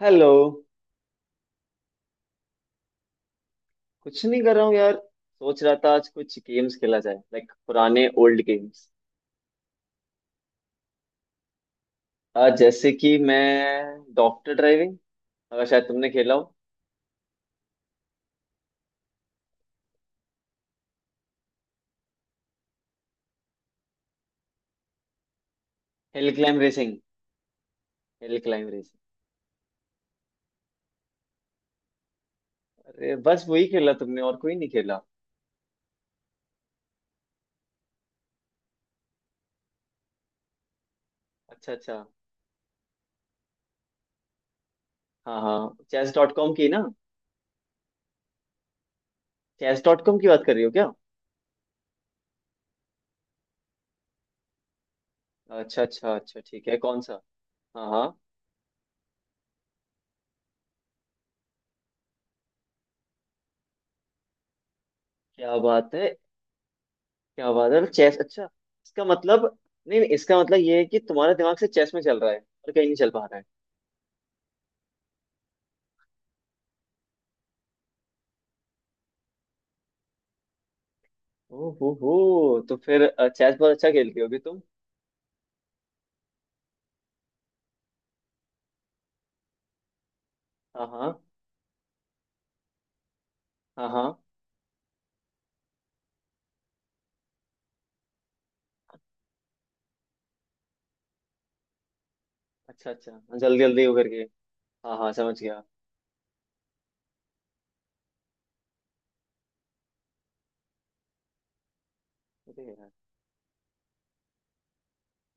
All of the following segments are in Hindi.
हेलो। कुछ नहीं कर रहा हूँ यार। सोच रहा था आज कुछ गेम्स खेला जाए, लाइक पुराने ओल्ड गेम्स। आज जैसे कि मैं, डॉक्टर ड्राइविंग। अगर शायद तुमने खेला हो। Hill climb racing. Hill climb racing. अरे बस वही खेला तुमने, और कोई नहीं खेला? अच्छा, अच्छा। हाँ हाँ, चेस डॉट कॉम की ना? चेस डॉट कॉम की बात कर रही हो क्या? अच्छा अच्छा अच्छा, ठीक है, कौन सा? हाँ हाँ। क्या बात है! क्या बात है, चेस, अच्छा। इसका मतलब, नहीं नहीं, इसका मतलब ये है कि तुम्हारा दिमाग से चेस में चल रहा है, और कहीं नहीं चल पा रहा है। ओ हो, तो फिर चेस बहुत अच्छा खेलती होगी तुम। हाँ हाँ। हाँ हाँ। अच्छा अच्छा, जल्दी जल्दी हो करके। हाँ हाँ, समझ गया। अरे यार।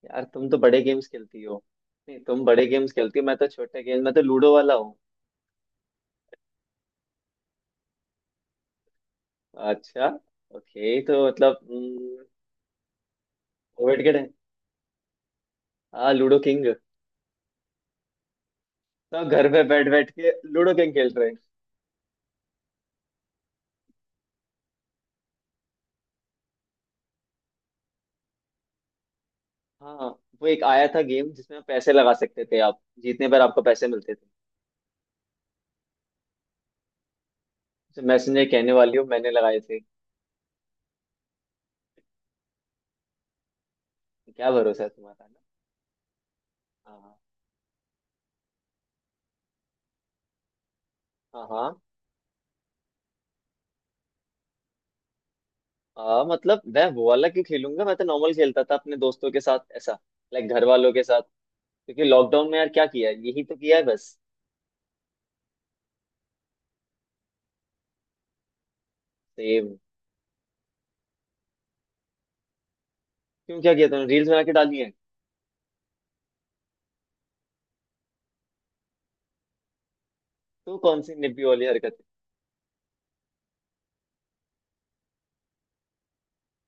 यार तुम तो बड़े गेम्स खेलती हो। नहीं, तुम बड़े गेम्स खेलती हो, मैं तो छोटे गेम, मैं तो लूडो वाला हूँ। अच्छा। ओके, तो मतलब हम्म। कोविड के टाइम। हाँ, लूडो किंग। तो घर पे बैठ बैठ के लूडो किंग खेल रहे हैं। हाँ। वो एक आया था गेम, जिसमें पैसे लगा सकते थे आप, जीतने पर आपको पैसे मिलते थे। तो मैं सुनने कहने वाली हूँ, मैंने लगाए थे। क्या भरोसा है तुम्हारा। ना। हाँ हाँ। मतलब मैं वो वाला क्यों खेलूंगा, मैं तो नॉर्मल खेलता था अपने दोस्तों के साथ, ऐसा। लाइक घर वालों के साथ। क्योंकि लॉकडाउन में यार क्या किया है, यही तो किया है बस। सेम। क्यों, क्या किया तुमने, रील्स बना के डाली है? तो कौन सी निब्बी वाली हरकत?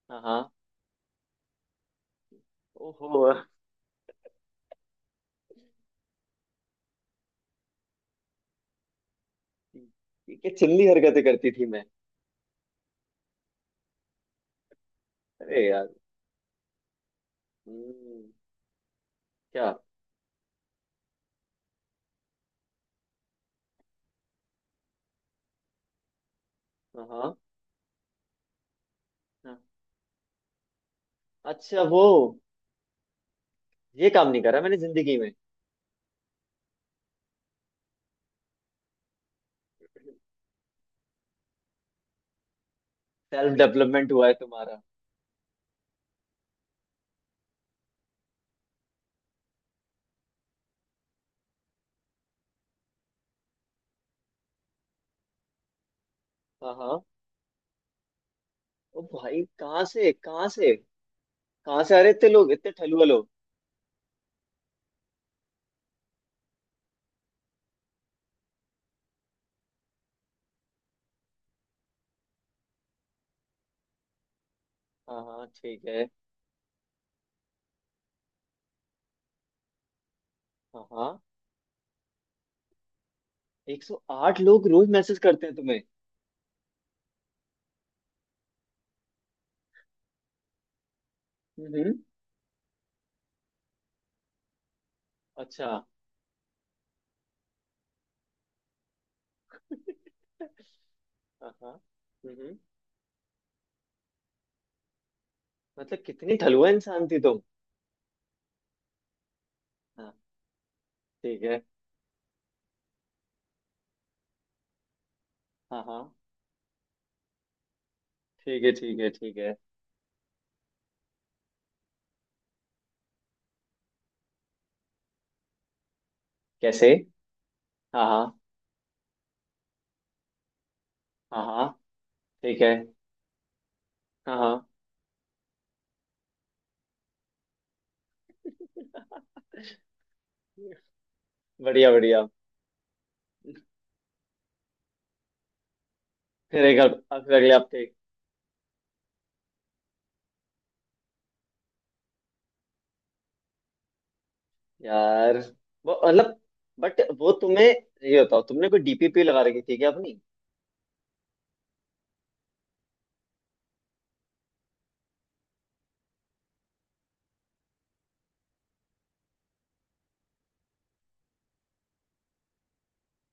हाँ हाँ, ओहो। ठीक है, चिल्ली हरकतें करती थी मैं। अरे यार। हम्म, क्या? हाँ हाँ। हाँ। अच्छा, वो। ये काम नहीं करा मैंने जिंदगी में। सेल्फ डेवलपमेंट हुआ है तुम्हारा। हाँ हाँ। ओ भाई, कहाँ से कहाँ से, कहाँ से आ रहे इतने लोग, इतने ठलुआ। हाँ हाँ, ठीक है। हाँ हाँ। 108 लोग रोज मैसेज करते हैं तुम्हें? हम्म। अच्छा। हाँ हाँ। हम्म। मतलब कितनी ढलुआ इंसान थी तुम। हाँ, ठीक है। हाँ हाँ, ठीक है ठीक है ठीक है। कैसे? हाँ हाँ। हाँ हाँ। ठीक है। हाँ हाँ, बढ़िया बढ़िया। फिर एक, अब फिर अगले हफ्ते। यार वो मतलब, बट वो तुम्हें ये बताओ, तुमने कोई डीपीपी लगा रखी थी क्या अपनी?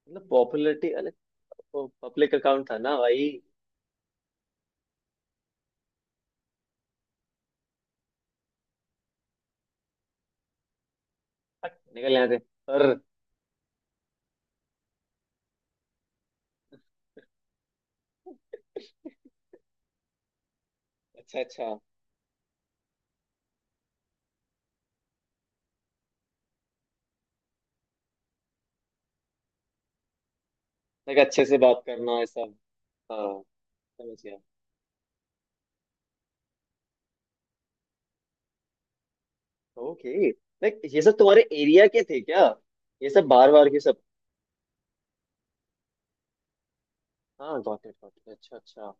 मतलब पॉपुलैरिटी, अरे। पब्लिक अकाउंट था ना भाई। हट, निकल यहाँ से पर। अच्छा अच्छा। लाइक अच्छे से बात करना है सब। हाँ, समझ गया। ओके, लाइक ये सब तुम्हारे एरिया के थे क्या? ये सब बार बार के सब। हाँ, गॉट इट गॉट इट, अच्छा अच्छा।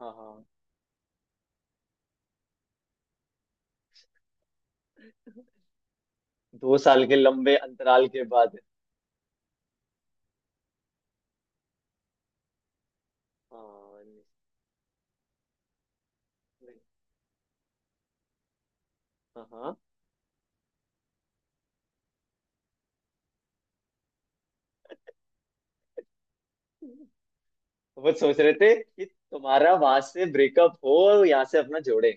हाँ हाँ। 2 साल के लंबे अंतराल के बाद। हाँ। हाँ हाँ। वो सोच रहे थे कि तुम्हारा वहां से ब्रेकअप हो, और यहाँ से अपना जोड़े।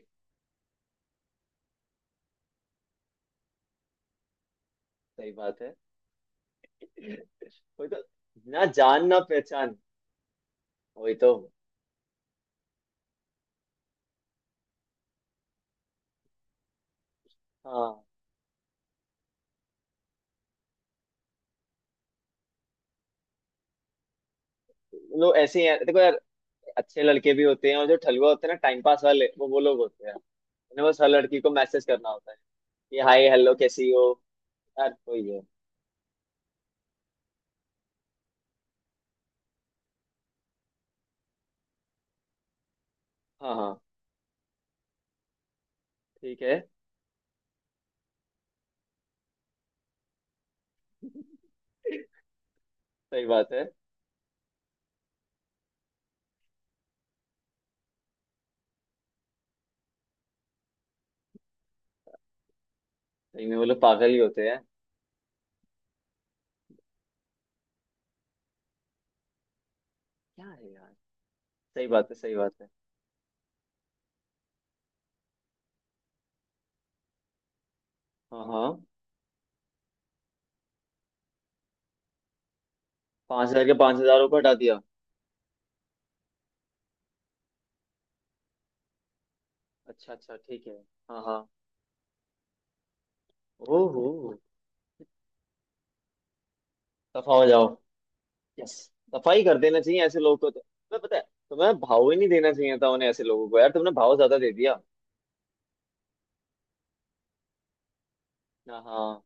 सही बात है। वही तो। ना जान ना पहचान। वही तो। हाँ। लोग ऐसे ही हैं देखो यार। अच्छे लड़के भी होते हैं, और जो ठलुआ होते हैं ना टाइम पास वाले, वो लोग होते हैं। उन्हें बस हर लड़की को मैसेज करना होता है। कि हाय हेलो कैसी हो। यार वही है। हाँ हाँ, ठीक है, सही बात है। सही में वो लोग पागल ही होते हैं। क्या है यार, सही बात है सही बात है। हाँ हाँ। 5,000 के 5,000 को हटा दिया? अच्छा अच्छा, ठीक है। हाँ हाँ, ओहो। सफा हो जाओ। यस। सफाई कर देना चाहिए ऐसे लोगों को तो, तुम्हें पता है। तुम्हें भाव ही नहीं देना चाहिए था उन्हें, ऐसे लोगों को यार, तुमने भाव ज्यादा दे दिया। हाँ हाँ,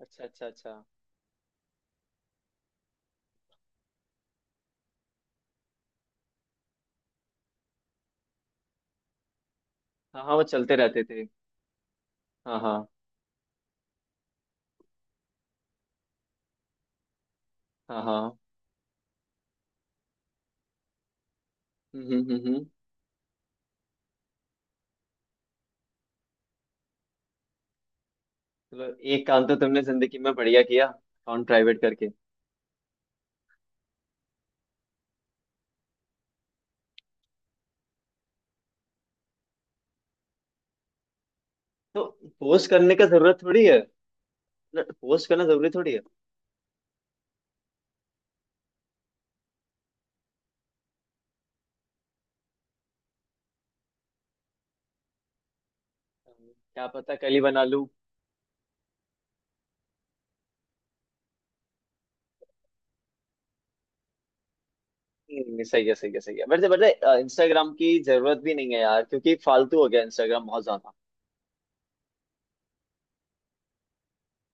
अच्छा अच्छा अच्छा। हाँ हाँ, वो चलते रहते थे। हाँ हाँ। हाँ हाँ। हम्म हम्म हम्म हम्म। चलो, एक काम तो तुमने जिंदगी में बढ़िया किया, अकाउंट प्राइवेट करके। तो पोस्ट करने का जरूरत थोड़ी है। पोस्ट करना जरूरी थोड़ी है। क्या पता, कल ही बना लूं। सही है सही है सही है, वैसे वैसे इंस्टाग्राम की जरूरत भी नहीं है यार, क्योंकि फालतू हो गया इंस्टाग्राम बहुत ज्यादा।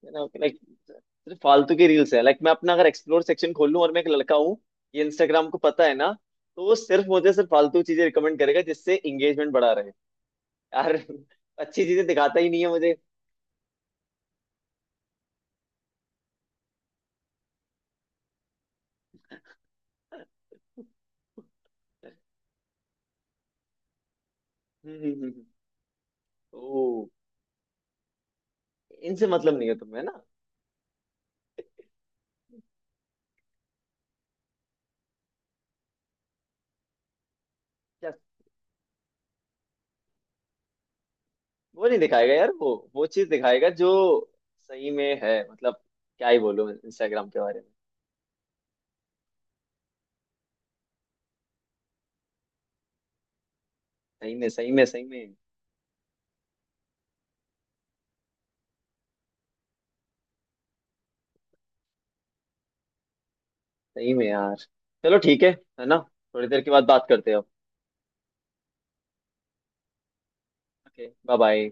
है ना, लाइक। सिर्फ फालतू की रील्स है, लाइक मैं अपना अगर एक्सप्लोर सेक्शन खोल लूं, और मैं एक लड़का हूँ। ये इंस्टाग्राम को पता है ना। तो वो सिर्फ मुझे, सिर्फ फालतू चीजें रिकमेंड करेगा, जिससे एंगेजमेंट बढ़ा रहे। यार। अच्छी चीजें दिखाता ही नहीं है मुझे। हम्म, हम्म, हम्म, हम्म। ओ। इनसे मतलब नहीं है तुम्हें ना? क्या? वो नहीं दिखाएगा यार, वो चीज दिखाएगा जो। सही में है मतलब। क्या ही बोलूं इंस्टाग्राम के बारे में। सही में सही में सही में। सही में यार। चलो ठीक है। है ना। थोड़ी देर के बाद बात करते हैं। Okay, bye bye.